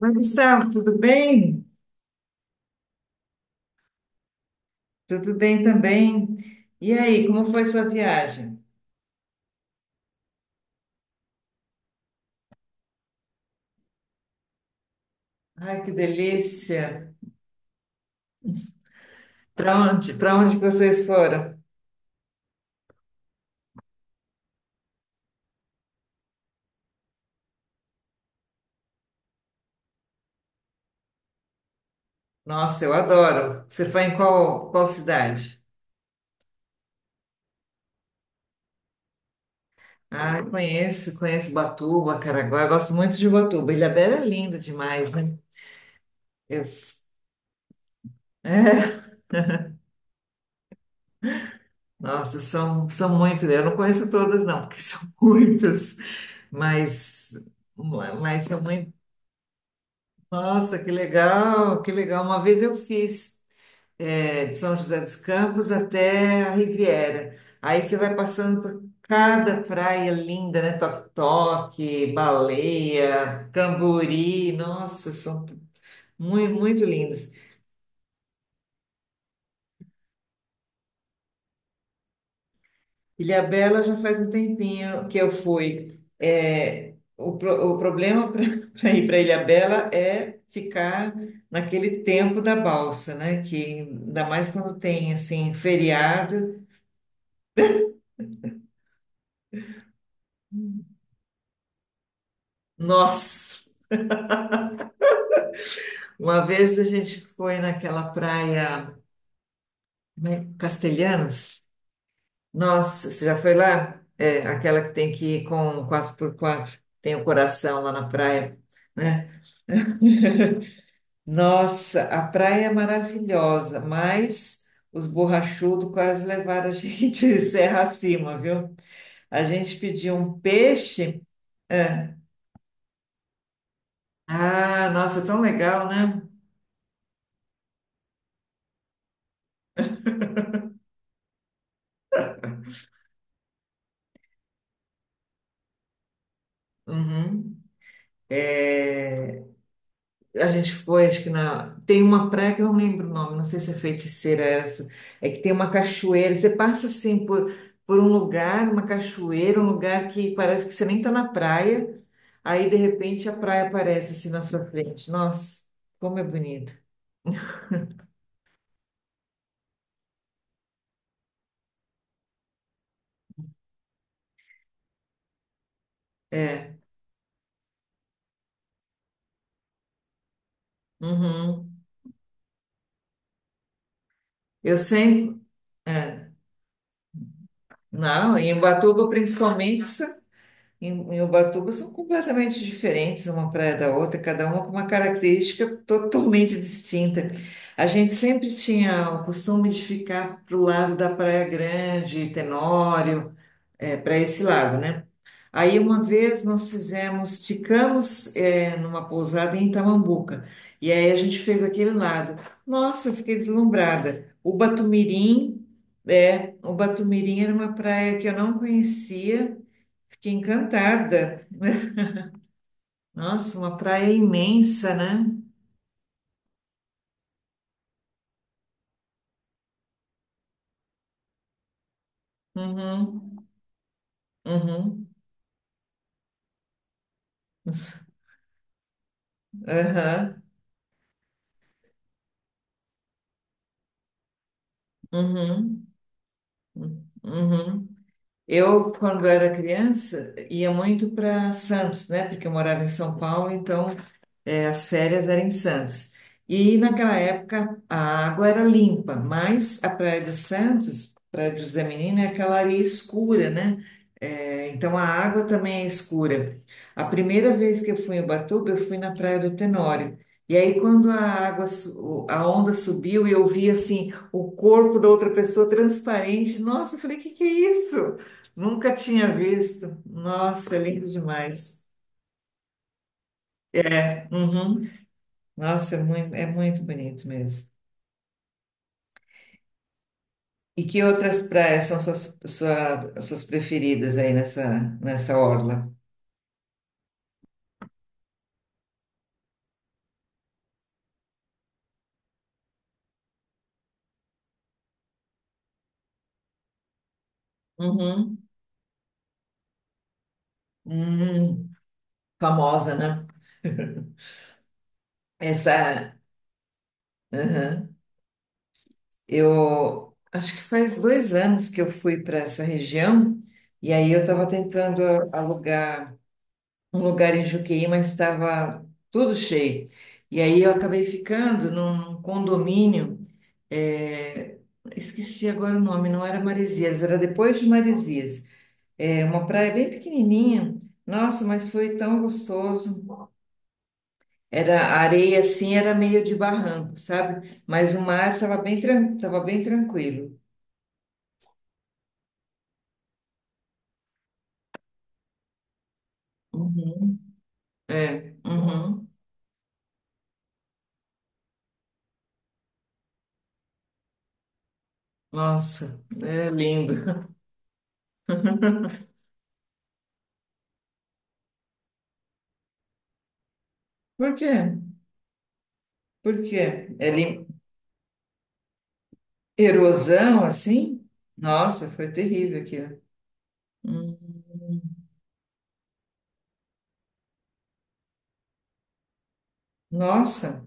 Oi, Gustavo, tudo bem? Tudo bem também. E aí, como foi sua viagem? Ai, que delícia! Para onde que vocês foram? Nossa, eu adoro. Você foi em qual cidade? Ah, eu conheço, conheço Batuba, Caraguá. Eu gosto muito de Batuba. Ilhabela é linda demais, né? Eu, é, nossa, são muitas. Eu não conheço todas, não, porque são muitas, mas, mas são muitas. Nossa, que legal, que legal. Uma vez eu fiz é, de São José dos Campos até a Riviera. Aí você vai passando por cada praia linda, né? Toque-toque, baleia, Camburi. Nossa, são muito, muito lindas. Ilhabela já faz um tempinho que eu fui. É, o, o problema para ir para Ilhabela é ficar naquele tempo da balsa, né? Que ainda mais quando tem assim feriado. Nossa, uma vez a gente foi naquela praia como é? Castelhanos. Nossa, você já foi lá? É, aquela que tem que ir com quatro por quatro, tem o coração lá na praia, né? Nossa, a praia é maravilhosa, mas os borrachudos quase levaram a gente serra acima, viu? A gente pediu um peixe. Ah, ah, nossa, tão legal, né? Uhum. É, a gente foi, acho que na. Tem uma praia que eu não lembro o nome, não sei se é Feiticeira essa. É que tem uma cachoeira. Você passa assim por um lugar, uma cachoeira, um lugar que parece que você nem tá na praia. Aí de repente a praia aparece assim na sua frente. Nossa, como é bonito. Uhum. Eu sempre. É. Não, em Ubatuba principalmente em, em Ubatuba são completamente diferentes uma praia da outra, cada uma com uma característica totalmente distinta. A gente sempre tinha o costume de ficar pro lado da Praia Grande, Tenório, para esse lado, né? Aí uma vez nós fizemos, ficamos é, numa pousada em Itamambuca, e aí a gente fez aquele lado. Nossa, eu fiquei deslumbrada. O Batumirim, é, o Batumirim era uma praia que eu não conhecia. Fiquei encantada. Nossa, uma praia imensa, né? Uhum, uhum, aham, uhum, uhum. Eu, quando era criança, ia muito para Santos, né? Porque eu morava em São Paulo, então é, as férias eram em Santos. E naquela época a água era limpa, mas a Praia de Santos, Praia de José Menino, é aquela areia escura, né? É, então a água também é escura. A primeira vez que eu fui em Ubatuba, eu fui na Praia do Tenório. E aí, quando a água, a onda subiu e eu vi assim o corpo da outra pessoa transparente, nossa, eu falei, que é isso? Nunca tinha visto. Nossa, é lindo demais. É, uhum. Nossa, é muito bonito mesmo. E que outras praias são suas, suas preferidas aí nessa, nessa orla? Uhum. Hum, famosa, né? Essa, aham. Eu acho que faz 2 anos que eu fui para essa região e aí eu estava tentando alugar um lugar em Juqueí, mas estava tudo cheio. E aí eu acabei ficando num condomínio, é, esqueci agora o nome, não era Maresias, era depois de Maresias. É uma praia bem pequenininha. Nossa, mas foi tão gostoso. Era a areia assim, era meio de barranco, sabe? Mas o mar estava bem, tava bem tranquilo. Uhum. É, uhum. Nossa, é lindo. Por quê? Por quê? É lindo. Erosão assim? Nossa, foi terrível aquilo. Hum, Nossa,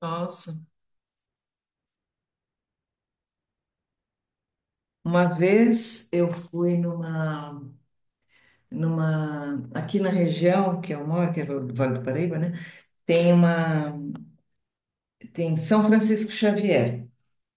nossa. Uma vez eu fui numa, numa, aqui na região que eu moro, que é o Vale do Paraíba, né? Tem uma, tem São Francisco Xavier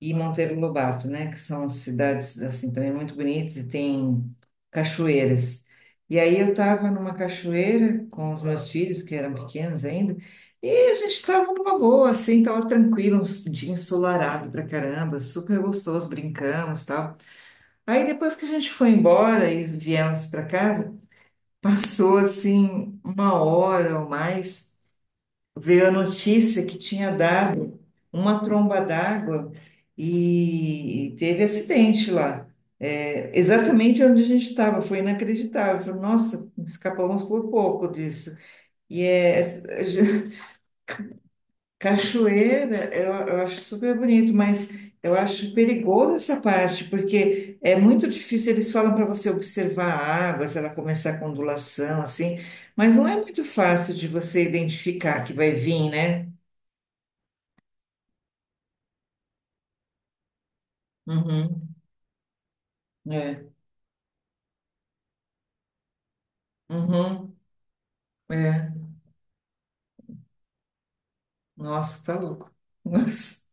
e Monteiro Lobato, né, que são cidades assim também muito bonitas e tem cachoeiras. E aí eu estava numa cachoeira com os meus filhos, que eram pequenos ainda, e a gente estava numa boa, assim, estava tranquilo, um dia ensolarado pra caramba, super gostoso, brincamos, tal. Aí depois que a gente foi embora e viemos para casa, passou assim uma hora ou mais, veio a notícia que tinha dado uma tromba d'água e teve acidente lá. É, exatamente onde a gente estava, foi inacreditável. Falei, nossa, escapamos por pouco disso. E é, cachoeira, eu acho super bonito, mas eu acho perigoso essa parte, porque é muito difícil. Eles falam para você observar a água, se ela começar com ondulação, assim, mas não é muito fácil de você identificar que vai vir, né? Uhum. É. Uhum. É. Nossa, tá louco. Nossa.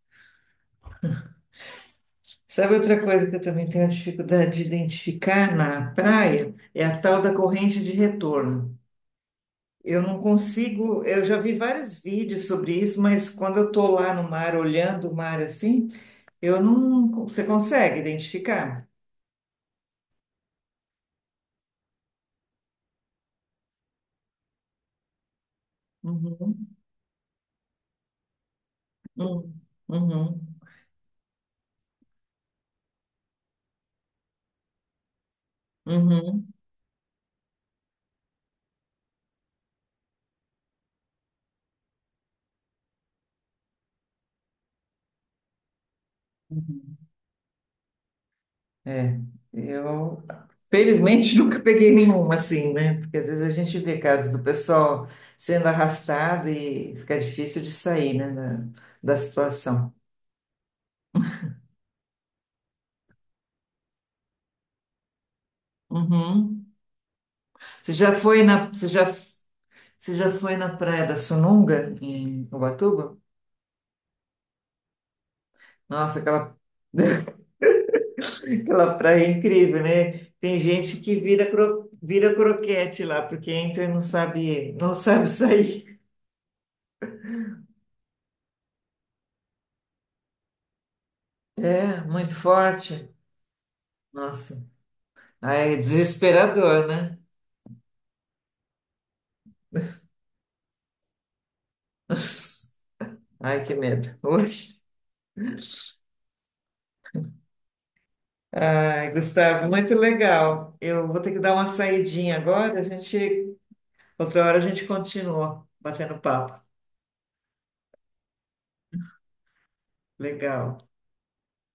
Sabe outra coisa que eu também tenho dificuldade de identificar na praia? É a tal da corrente de retorno. Eu não consigo, eu já vi vários vídeos sobre isso, mas quando eu tô lá no mar, olhando o mar assim, eu não. Você consegue identificar? Uhum. Uhum. Uhum. Uhum. É, eu felizmente nunca peguei nenhuma assim, né? Porque às vezes a gente vê casos do pessoal sendo arrastado e fica difícil de sair, né, da, da situação. Uhum. Você já foi na, você já foi na Praia da Sununga, em Ubatuba? Nossa, aquela, aquela praia é incrível, né? Tem gente que vira, cro, vira croquete lá, porque entra e não sabe, não sabe sair. É, muito forte. Nossa. Ai, é desesperador, né? Ai, que medo. Oxe. Ai, Gustavo, muito legal. Eu vou ter que dar uma saidinha agora, a gente, outra hora a gente continua batendo papo. Legal.